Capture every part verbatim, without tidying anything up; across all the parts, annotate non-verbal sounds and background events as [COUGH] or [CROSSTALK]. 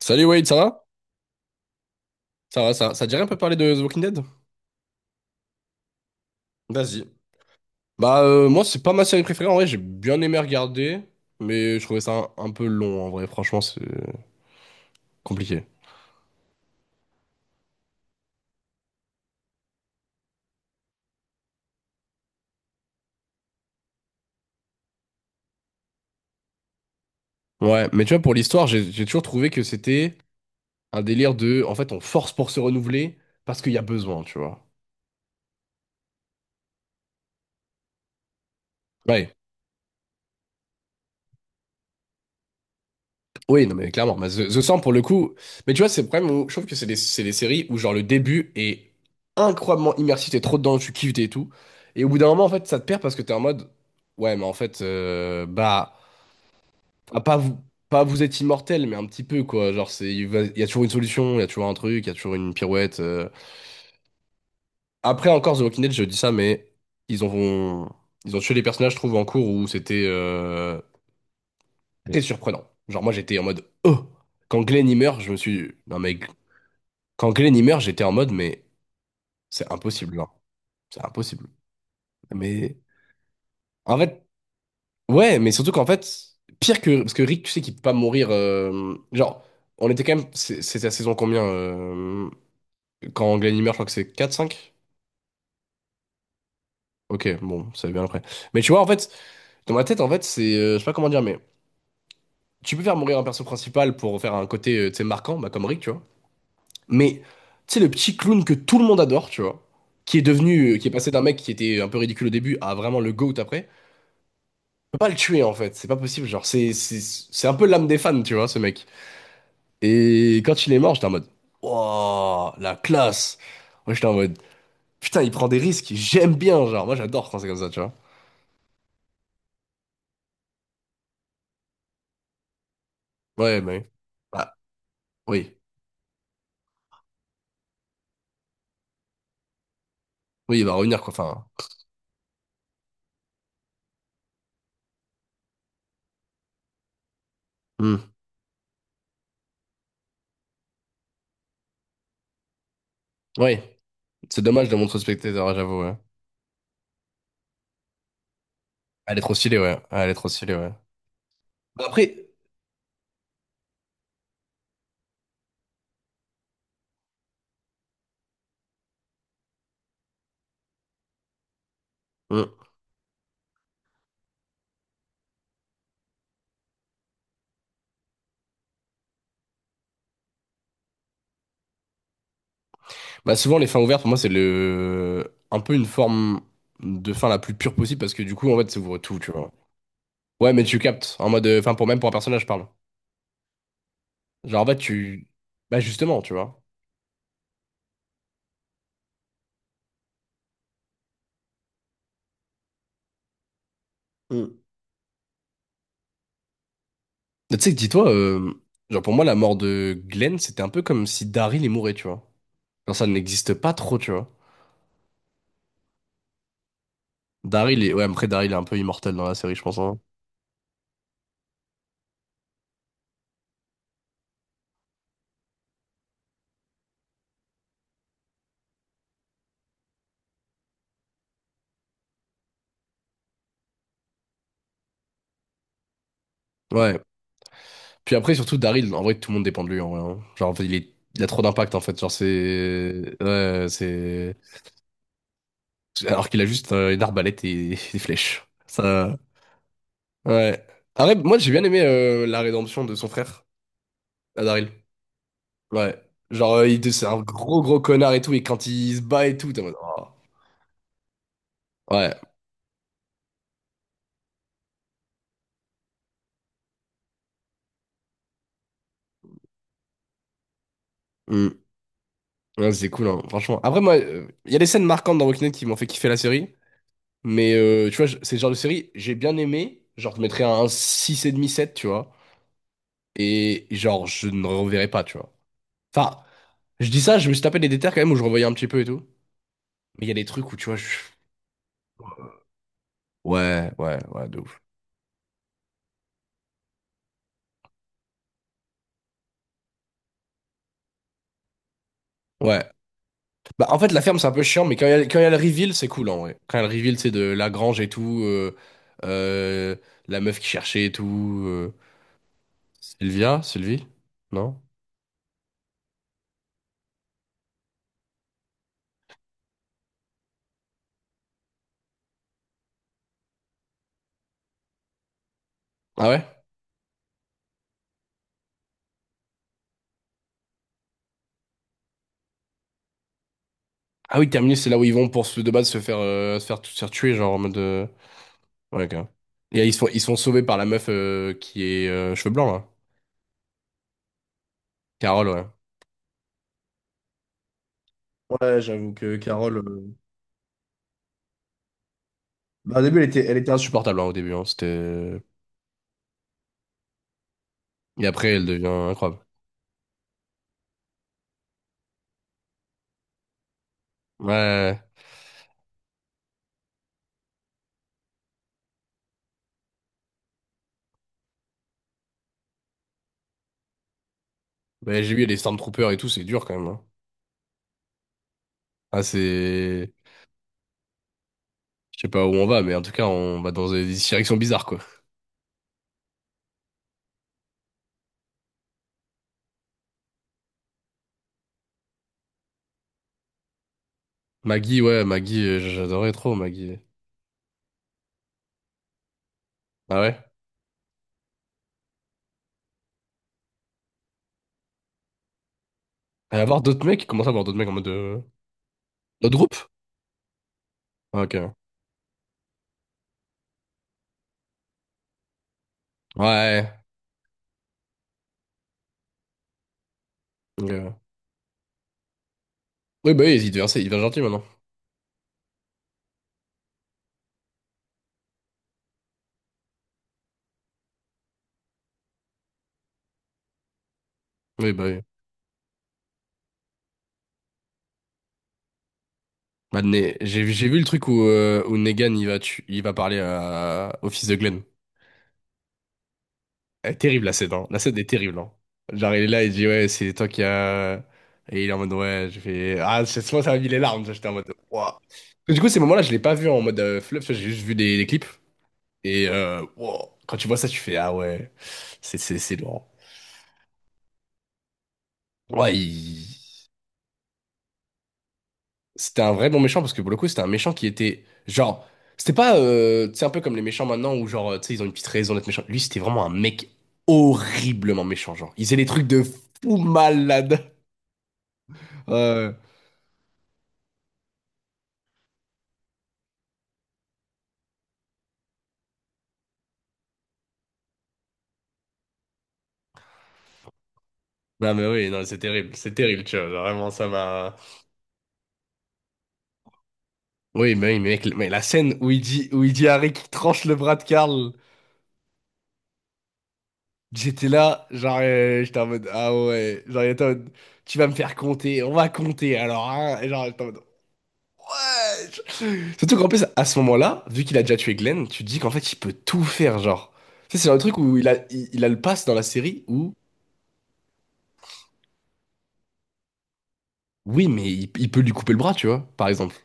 Salut Wade, ça va? Ça va, ça va. Ça te dirait un peu parler de The Walking Dead? Vas-y. Bah euh, moi c'est pas ma série préférée en vrai, j'ai bien aimé regarder, mais je trouvais ça un, un peu long en vrai, franchement c'est compliqué. Ouais, mais tu vois pour l'histoire, j'ai j'ai toujours trouvé que c'était un délire de en fait on force pour se renouveler parce qu'il y a besoin, tu vois. Ouais. Oui, non, mais clairement. Mais The, The cent, pour le coup. Mais tu vois, c'est le problème où je trouve que c'est des, c'est des séries où, genre, le début est incroyablement immersif. T'es trop dedans, tu kiffes t'es et tout. Et au bout d'un moment, en fait, ça te perd parce que t'es en mode. Ouais, mais en fait, euh, bah. Ah, Pas vous, pas vous êtes immortel, mais un petit peu, quoi. Genre, c'est, il va- il y a toujours une solution, il y a toujours un truc, il y a toujours une pirouette. euh. Après, encore, The Walking Dead, je dis ça, mais ils ont, ils ont tué les personnages, je trouve, en cours où c'était euh, très surprenant. Genre, moi, j'étais en mode. Oh! Quand Glenn y meurt, je me suis dit, non mais. Quand Glenn y meurt, j'étais en mode, mais c'est impossible, genre. C'est impossible. Mais en fait, ouais, mais surtout qu'en fait, pire que. Parce que Rick, tu sais qu'il peut pas mourir. euh, Genre, on était quand même. c'est- C'était la saison combien, euh, Quand Glenn y meurt, je crois que c'est quatre cinq. Ok, bon, ça va bien après. Mais tu vois, en fait, dans ma tête, en fait, c'est. euh, Je sais pas comment dire, mais tu peux faire mourir un perso principal pour faire un côté, euh, tu sais, marquant, bah, comme Rick, tu vois. Mais, tu sais, le petit clown que tout le monde adore, tu vois, qui est devenu. euh, Qui est passé d'un mec qui était un peu ridicule au début à vraiment le GOAT après. Peux pas le tuer en fait, c'est pas possible. Genre, c'est c'est c'est un peu l'âme des fans, tu vois, ce mec. Et quand il est mort, j'étais en mode, wow, la classe. Moi, j'étais en mode, putain, il prend des risques, j'aime bien, genre, moi j'adore quand c'est comme ça, tu vois. Ouais, mais. Bah, oui, oui, il va revenir, quoi, enfin. Hmm. Oui, c'est dommage de montrer au spectateur, hein, j'avoue, ouais. Elle est trop stylée, ouais. Ah, Elle est trop stylée, ouais. Bah, Après, Hmm. Bah, souvent, les fins ouvertes, pour moi, c'est le. Un peu une forme de fin la plus pure possible parce que du coup, en fait, ça ouvre tout, tu vois. Ouais, mais tu captes, en mode, euh, enfin, pour même pour un personnage, je parle. Genre, en fait, tu. Bah, justement, tu vois. Hmm. Tu sais que dis-toi, euh, genre, pour moi, la mort de Glenn, c'était un peu comme si Daryl est mourait, tu vois. Genre, ça n'existe pas trop, tu vois. Daryl est. Ouais, après, Daryl est un peu immortel dans la série, je pense. Hein. Ouais. Puis après, surtout, Daryl, en vrai, tout le monde dépend de lui, en vrai. Hein. Genre, en fait, il est... il a trop d'impact, en fait. Genre, c'est. Ouais, c'est. Alors qu'il a juste euh, une arbalète et [LAUGHS] des flèches. Ça. Ouais. Après, moi, j'ai bien aimé euh, la rédemption de son frère, à Daryl. Ouais. Genre, euh, il- c'est un gros gros connard et tout, et quand il se bat et tout, t'es en mode, oh. Ouais. Mm. Ouais, c'est cool, hein, franchement. Après, moi, euh, il y a des scènes marquantes dans Walking Dead qui m'ont fait kiffer la série, mais euh, tu vois, je- c'est le genre de série, j'ai bien aimé, genre, je mettrais un 65 sept tu vois, et genre, je ne reverrai pas, tu vois. Enfin, je dis ça, je me suis tapé des détails quand même où je revoyais un petit peu et tout, mais il y a des trucs où, tu vois. je... Ouais, ouais, ouais, de ouf. Ouais. Bah, en fait, la ferme, c'est un peu chiant, mais quand il y a, quand il y a, le reveal, c'est cool, en vrai. Quand il y a le reveal, c'est de la grange et tout, euh, euh, la meuf qui cherchait et tout. euh, Sylvia? Sylvie? Non? Ah ouais? Ah oui, Terminus, c'est là où ils vont pour se, de base se faire, euh, se faire, se faire tuer, genre en mode. euh, Ouais, ok. Et ils sont, ils sont sauvés par la meuf euh, qui est euh, cheveux blancs, là. Carole, ouais. Ouais, j'avoue que Carole. Euh, bah, au début, elle était, elle était insupportable, hein, au début. Hein, c'était... euh, Et après, elle devient incroyable. Ouais, ouais, ouais. Bah, j'ai vu, les Stormtroopers et tout, c'est dur quand même. Hein. Ah, c'est... Je sais pas où on va, mais en tout cas, on va dans des directions bizarres, quoi. Maggie, ouais, Maggie, euh, j'adorais trop, Maggie. Ah ouais? Elle va voir d'autres mecs? Comment ça, voir d'autres mecs en mode. euh, Notre groupe? Ah, ok. Ouais. Ok. Oui, bah oui, il devient, il devient gentil, maintenant. Oui, bah oui. Bah, Ne- j'ai j'ai vu le truc où, euh, où Negan, il va, tu- il va parler à... au fils de Glenn. Elle est terrible la scène, hein. La scène est terrible, hein. Genre, il est là, il dit, ouais, c'est toi qui a. Et il est en mode, ouais, je fais... Ah, c'est moi, ça m'a mis les larmes, j'étais en mode, waouh. Du coup, ces moments-là, je l'ai pas vu en mode euh, fluff, j'ai juste vu des, des clips. Et euh, wow. Quand tu vois ça, tu fais, ah ouais, c'est c'est c'est lourd. Ouais, il- c'était un vrai bon méchant, parce que pour le coup, c'était un méchant qui était, genre. C'était pas, euh, tu sais, un peu comme les méchants maintenant, où genre, euh, tu sais, ils ont une petite raison d'être méchants. Lui, c'était vraiment un mec horriblement méchant, genre. Il faisait des trucs de fou malade. Ouais. Non mais oui, non, c'est terrible, c'est terrible, tu vois, genre, vraiment ça m'a. Oui, mais oui, mec, mais la scène où il dit, où il dit à Rick qu'il tranche le bras de Carl, j'étais là, genre, euh, j'étais en mode, ah ouais, genre, il était en mode, tu vas me faire compter, on va compter, alors, hein, et genre, j'étais en mode. Surtout qu'en plus, à ce moment-là, vu qu'il a déjà tué Glenn, tu te dis qu'en fait, il peut tout faire, genre. Tu sais, c'est un truc où il a, il, il a le pass dans la série où, oui, mais il, il peut lui couper le bras, tu vois, par exemple.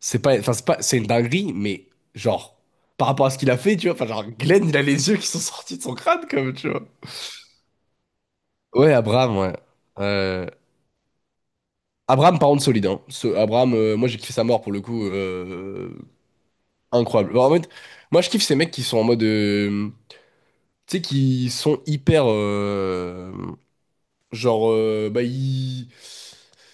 C'est pas, enfin, c'est pas, c'est une dinguerie, mais genre, par rapport à ce qu'il a fait, tu vois, enfin, genre, Glenn, il a les yeux qui sont sortis de son crâne, comme, tu vois. Ouais, Abraham, ouais. Euh, Abraham, par contre, solide, hein. Ce, Abraham, euh, moi, j'ai kiffé sa mort, pour le coup, euh, incroyable. Bon, en fait, moi, je kiffe ces mecs qui sont en mode, euh, tu sais, qui sont hyper, euh, genre, euh, bah, ils.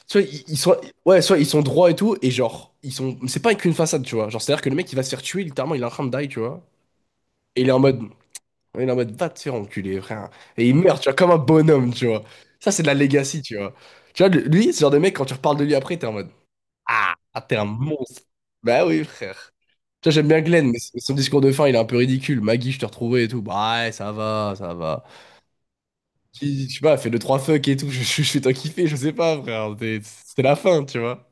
Soit ils ils sont, ouais, soit ils sont droits et tout, et genre, ils sont, c'est pas qu'une façade, tu vois. Genre, c'est-à-dire que le mec, il va se faire tuer, littéralement, il est en train de die, tu vois. Et il est en mode, On est en mode, va te faire enculer, frère. Et il meurt, tu vois, comme un bonhomme, tu vois. Ça, c'est de la legacy, tu vois. Tu vois, le- lui, ce genre de mec, quand tu reparles de lui après, t'es en mode, ah, ah, t'es un monstre. Bah oui, frère. Tu vois, j'aime bien Glenn, mais son son discours de fin, il est un peu ridicule. Maggie, je te retrouvais et tout. Bah ouais, ça va, ça va. Qui- Je sais pas, fait deux, trois fuck et tout. [LAUGHS] Je, je, je fais t'en kiffer, je sais pas, frère. T'es- C'était la fin, tu vois.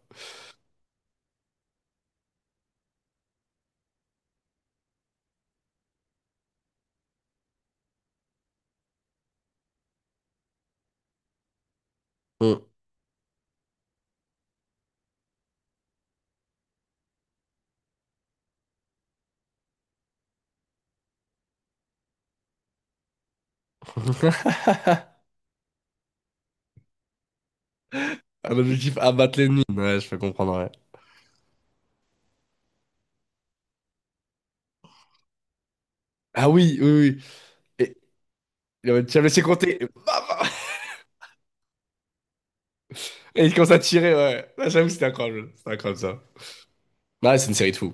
Hmm. [LAUGHS] Un objectif abattre l'ennemi. Ouais, je peux comprendre, ouais. Ah oui, oui, oui. Et, il est en mode, tu as laissé compter. Et bam. Et il commence à tirer, ouais. Là, j'avoue, c'était incroyable. C'était incroyable ça. Ouais, c'est une série de fous.